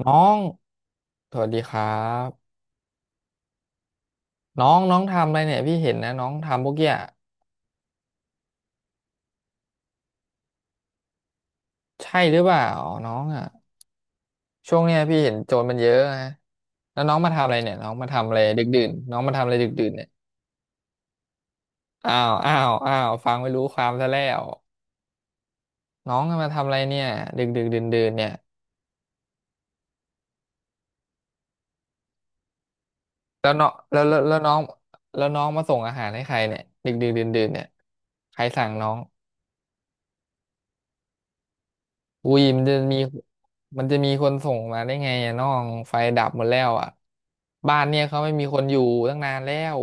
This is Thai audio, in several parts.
น้องสวัสดีครับน้องน้องทำอะไรเนี่ยพี่เห็นนะน้องทำพวกเนี้ยใช่หรือเปล่าน้องอ่ะช่วงเนี้ยพี่เห็นโจรมันเยอะนะแล้วน้องมาทำอะไรเนี่ยน้องมาทำอะไรดึกดื่นน้องมาทำอะไรดึกดื่นเนี่ยอ้าวอ้าวอ้าวฟังไม่รู้ความซะแล้วน้องมาทำอะไรเนี่ยดึกดึกดื่นดื่นเนี่ยแล้วน้องแล้วน้องแล้วน้องมาส่งอาหารให้ใครเนี่ยดึกดึกดื่นดื่นเนี่ยใครสั่งน้อง อุ้ยมันจะมีมันจะมีคนส่งมาได้ไงอะน้องไฟดับหมดแล้วอ่ะบ้านเนี่ยเขาไม่มีคนอยู่ตั้งนานแล้ว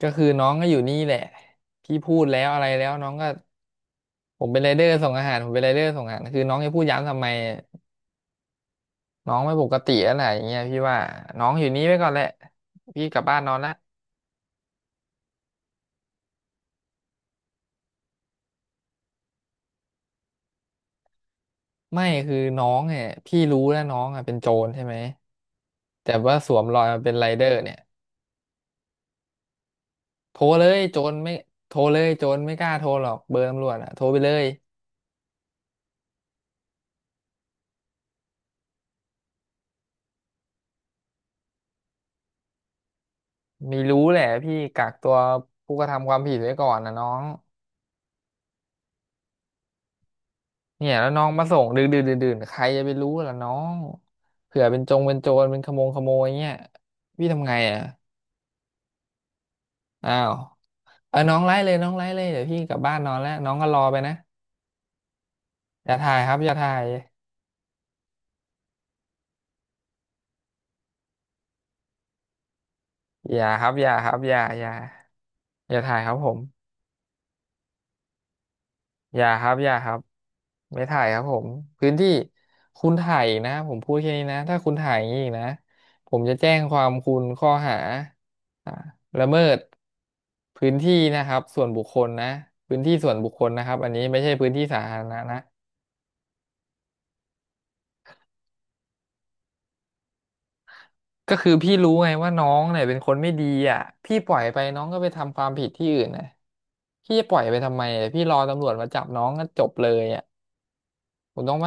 ก็คือน้องก็อยู่นี่แหละพี่พูดแล้วอะไรแล้วน้องก็ผมเป็นไรเดอร์ส่งอาหารผมเป็นไรเดอร์ส่งอาหารคือน้องจะพูดย้ำทำไมน้องไม่ปกติอะไรอย่างเงี้ยพี่ว่าน้องอยู่นี่ไว้ก่อนแหละพี่กลับบ้านนอนละไม่คือน้องเนี่ยพี่รู้แล้วน้องอ่ะเป็นโจรใช่ไหมแต่ว่าสวมรอยมาเป็นไรเดอร์เนี่ย โทรเลยโจรไม่โทรเลยโจรไม่กล้าโทรหรอกเบอร์ตำรวจอ่ะโทรไปเลยไม่รู้แหละพี่กักตัวผู้กระทำความผิดไว้ก่อนนะน้องเนี่ยแล้วน้องมาส่งดึกดื่นดื่นใครจะไปรู้ล่ะน้องเผื่อเป็นจงเป็นโจรเป็นขโมงขโมยเงี้ยพี่ทำไงอ่ะอ้าวเออน้องไล่เลยน้องไล่เลยเดี๋ยวพี่กลับบ้านนอนแล้วน้องก็รอไปนะอย่าถ่ายครับอย่าถ่ายอย่าครับอย่าครับอย่าอย่าอย่าถ่ายครับผม อย่าครับอย่าครับไม่ถ่ายครับผมพื้นที่คุณถ่ายอีกนะผมพูดแค่นี้นะถ้าคุณถ่ายอย่างนี้อีกนะผมจะแจ้งความคุณข้อหาอ่าละเมิดพื้นที่นะครับส่วนบุคคลนะพื้นที่ส่วนบุคคลนะครับอันนี้ไม่ใช่พื้นที่สาธารณะนะก็คือพี่รู้ไงว่าน้องเนี่ยเป็นคนไม่ดีอ่ะพี่ปล่อยไปน้องก็ไปทำความผิดที่อื่นนะพี่จะปล่อยไปทำไมอะพี่รอตำรวจมาจับน้องก็จบเลยอ่ะถูกต้องไหม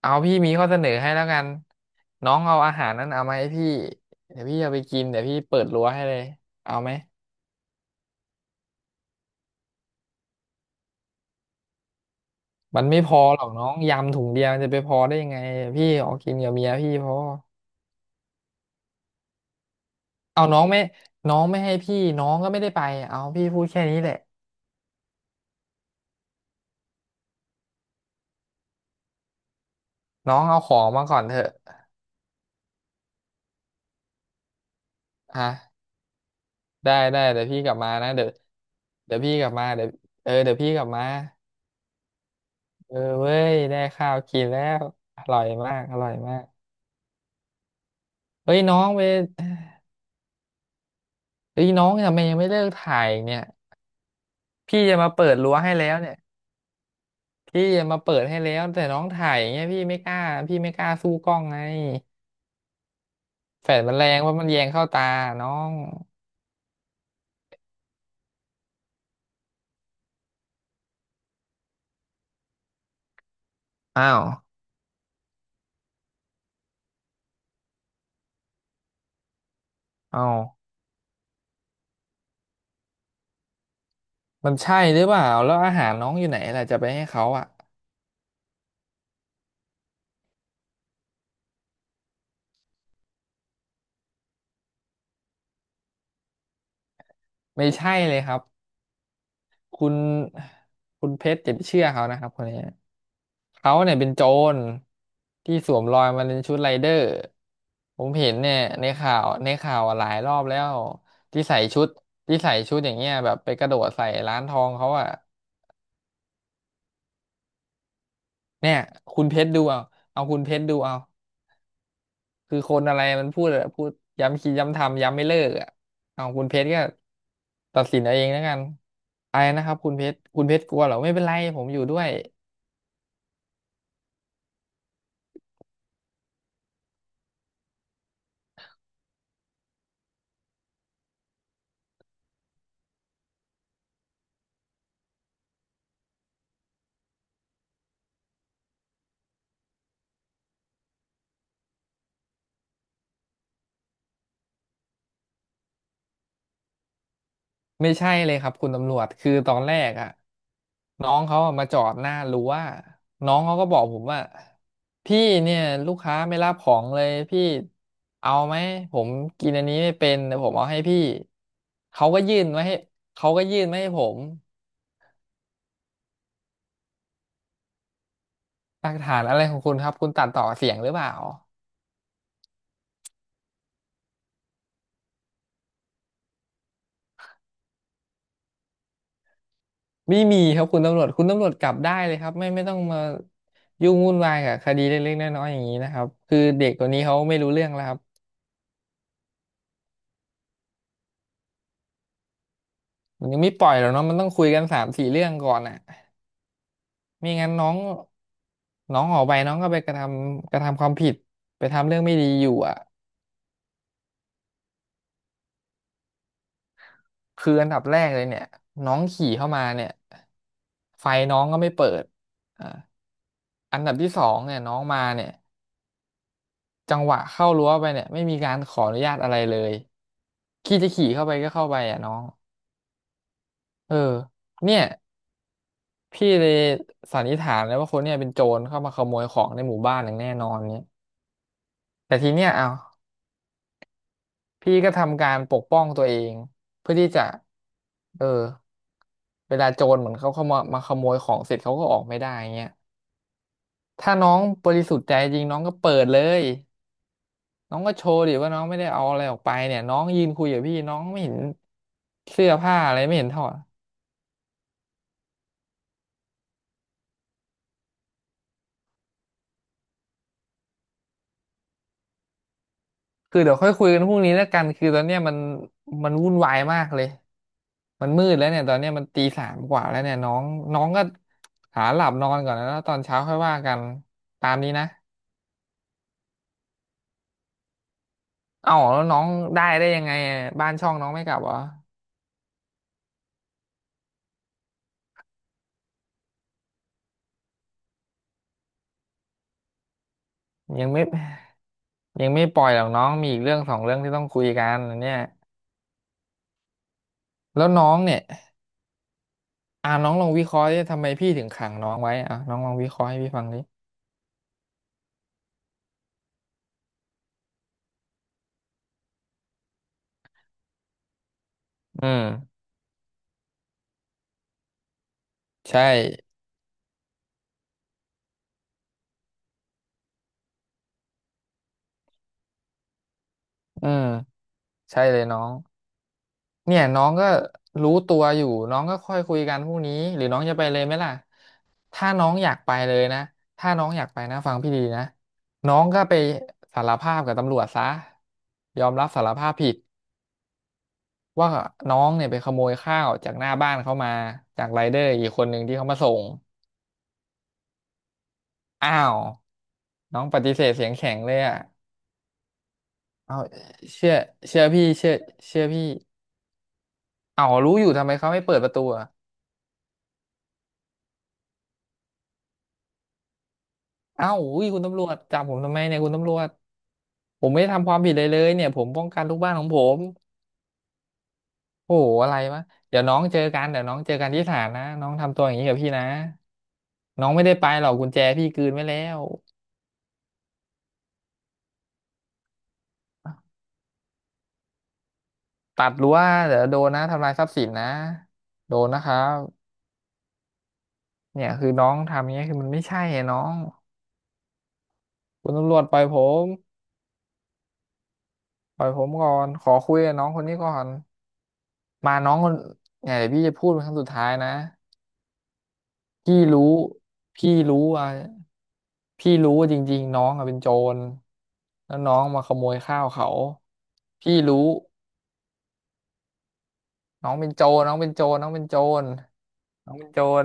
เอาพี่มีข้อเสนอให้แล้วกันน้องเอาอาหารนั้นเอามาให้พี่เดี๋ยวพี่เอาไปกินเดี๋ยวพี่เปิดรั้วให้เลยเอาไหมมันไม่พอหรอกน้องยำถุงเดียวมันจะไปพอได้ยังไงพี่ออกกินกับเมียพี่พอเอาน้องไม่น้องไม่ให้พี่น้องก็ไม่ได้ไปเอาพี่พูดแค่นี้แหละน้องเอาของมาก่อนเถอะอ่ะได้ได้เดี๋ยวพี่กลับมานะเดี๋ยวเดี๋ยวพี่กลับมาเดี๋ยวเออเดี๋ยวพี่กลับมาเออเว้ยได้ข้าวกินแล้วอร่อยมากอร่อยมากเฮ้ยน้องไป เฮ้ยน้องทำไมยังไม่เลิกถ่ายอีกเนี่ยพี่จะมาเปิดรั้วให้แล้วเนี่ยพี่จะมาเปิดให้แล้วแต่น้องถ่ายอย่างเงี้ยพี่ไม่กล้าพี่ไม่กล้าสู้กล้องไงแฟลชมันแรงว่าะมันแยงเข้าตาน้องอ้าวอ้าวมันใช่หรือเปล่าแล้วอาหารน้องอยู่ไหนล่ะจะไปให้เขาอ่ะไม่ใช่เลยครับ คุณคุณเพชรอย่าไปเชื่อเขานะครับคนนี้เขาเนี่ยเป็นโจรที่สวมรอยมาเป็นชุดไรเดอร์ผมเห็นเนี่ยในข่าวในข่าวหลายรอบแล้วที่ใส่ชุดที่ใส่ชุดอย่างเงี้ยแบบไปกระโดดใส่ร้านทองเขาอะเนี่ยคุณเพชรดูเอาเอาคุณเพชรดูเอาคือคนอะไรมันพูดอะพูดย้ำคิดย้ำทำย้ำไม่เลิกอะเอาคุณเพชรก็ตัดสินเอาเองแล้วกันอะไปนะครับคุณเพชรคุณเพชรกลัวเหรอไม่เป็นไรผมอยู่ด้วย ไม่ใช่เลยครับคุณตำรวจคือตอนแรกอะน้องเขาอะมาจอดหน้ารั้วน้องเขาก็บอกผมว่าพี่เนี่ยลูกค้าไม่รับของเลยพี่เอาไหมผมกินอันนี้ไม่เป็นเดี๋ยวผมเอาให้พี่เขาก็ยื่นมาให้เขาก็ยื่นมาให้ผมหลักฐานอะไรของคุณครับคุณตัดต่อเสียงหรือเปล่าไม่มีครับคุณตำรวจคุณตำรวจกลับได้เลยครับไม่ไม่ต้องมายุ่งวุ่นวายกับคดีเล็กๆน้อยๆอย่างนี้นะครับคือเด็กคนนี้เขาไม่รู้เรื่องแล้วครับ มันยังไม่ปล่อยหรอกเนาะมันต้องคุยกันสามสี่เรื่องก่อนอ่ะไม่งั้นน้องน้องออกไปน้องก็ไปกระทำความผิดไปทำเรื่องไม่ดีอยู่อ่ะคืออันดับแรกเลยเนี่ยน้องขี่เข้ามาเนี่ยไฟน้องก็ไม่เปิดอ่าอันดับที่สองเนี่ยน้องมาเนี่ยจังหวะเข้ารั้วไปเนี่ยไม่มีการขออนุญาตอะไรเลยขี่จะขี่เข้าไปก็เข้าไปอ่ะน้องเออเนี่ยพี่เลยสันนิษฐานเลยว่าคนเนี่ยเป็นโจรเข้ามาขโมยของในหมู่บ้านอย่างแน่นอนเนี่ยแต่ทีเนี้ยเอา พี่ก็ทำการปกป้องตัวเองเพื่อที่จะ เออเวลาโจรเหมือนเขาเข้ามาขโมยของเสร็จเขาก็ออกไม่ได้เงี้ยถ้าน้องบริสุทธิ์ใจจริงน้องก็เปิดเลยน้องก็โชว์ดิว่าน้องไม่ได้เอาอะไรออกไปเนี่ยน้องยืนคุยกับพี่น้องไม่เห็นเสื้อผ้าอะไรไม่เห็นถอดคือเดี๋ยวค่อยคุยกันพรุ่งนี้แล้วกันคือตอนเนี้ยมันวุ่นวายมากเลยมันมืดแล้วเนี่ยตอนเนี้ยมันตีสามกว่าแล้วเนี่ยน้องน้องก็หาหลับนอนก่อนนะแล้วตอนเช้าค่อยว่ากันตามนี้นะ เอ้าแล้วน้องได้ได้ยังไงอะบ้านช่องน้องไม่กลับเหรอยังไม่ยังไม่ปล่อยหรอกน้องมีอีกเรื่องสองเรื่องที่ต้องคุยกันอันเนี่ยแล้วน้องเนี่ยอ่าน้องลองวิเคราะห์ดิทำไมพี่ถึงขังน้องไว้อ่ะน้องลองวิเคราะห์ให้พี่ฟังดิอืมใช่อืมใช่เลยน้องเนี่ยน้องก็รู้ตัวอยู่น้องก็ค่อยคุยกันพรุ่งนี้หรือน้องจะไปเลยไหมล่ะถ้าน้องอยากไปเลยนะถ้าน้องอยากไปนะฟังพี่ดีนะน้องก็ไปสารภาพกับตำรวจซะยอมรับสารภาพผิด ว่าน้องเนี่ยไปขโมยข้าวจากหน้าบ้านเขามาจากไรเดอร์อีกคนหนึ่งที่เขามาส่งอ้าวน้องปฏิเสธเสียงแข็งเลยอ่ะเอาเชื่อเชื่อพี่เชื่อเชื่อพี่เอารู้อยู่ทำไมเขาไม่เปิดประตูอ่ะเอ้าอุ้ยคุณตำรวจจับผมทำไมเนี่ยคุณตำรวจผมไม่ได้ทำความผิดเลยเนี่ยผมป้องกันลูกบ้านของผมโอ้โหอะไรวะเดี๋ยวน้องเจอกันเดี๋ยวน้องเจอกันที่ศาลนะน้องทำตัวอย่างนี้กับพี่นะน้องไม่ได้ไปหรอกกุญแจพี่กลืนไว้แล้ว ตัดรั้วเดี๋ยวโดนนะทำลายทรัพย์สินนะโดนนะครับเนี่ยคือน้องทำอย่างเงี้ยคือมันไม่ใช่ไงน้องคุณตำรวจปล่อยผมปล่อยผมก่อนขอคุยกับน้องคนนี้ก่อนมาน้องคนเนี่ยเดี๋ยวพี่จะพูดเป็นครั้งสุดท้ายนะพี่รู้พี่รู้ว่าพี่รู้ว่าจริงๆน้องอะเป็นโจรแล้วน้องมาขโมยข้าวเขาพี่รู้น้องเป็นโจรน้องเป็นโจรน้องเป็นโจรน้องเป็นโจร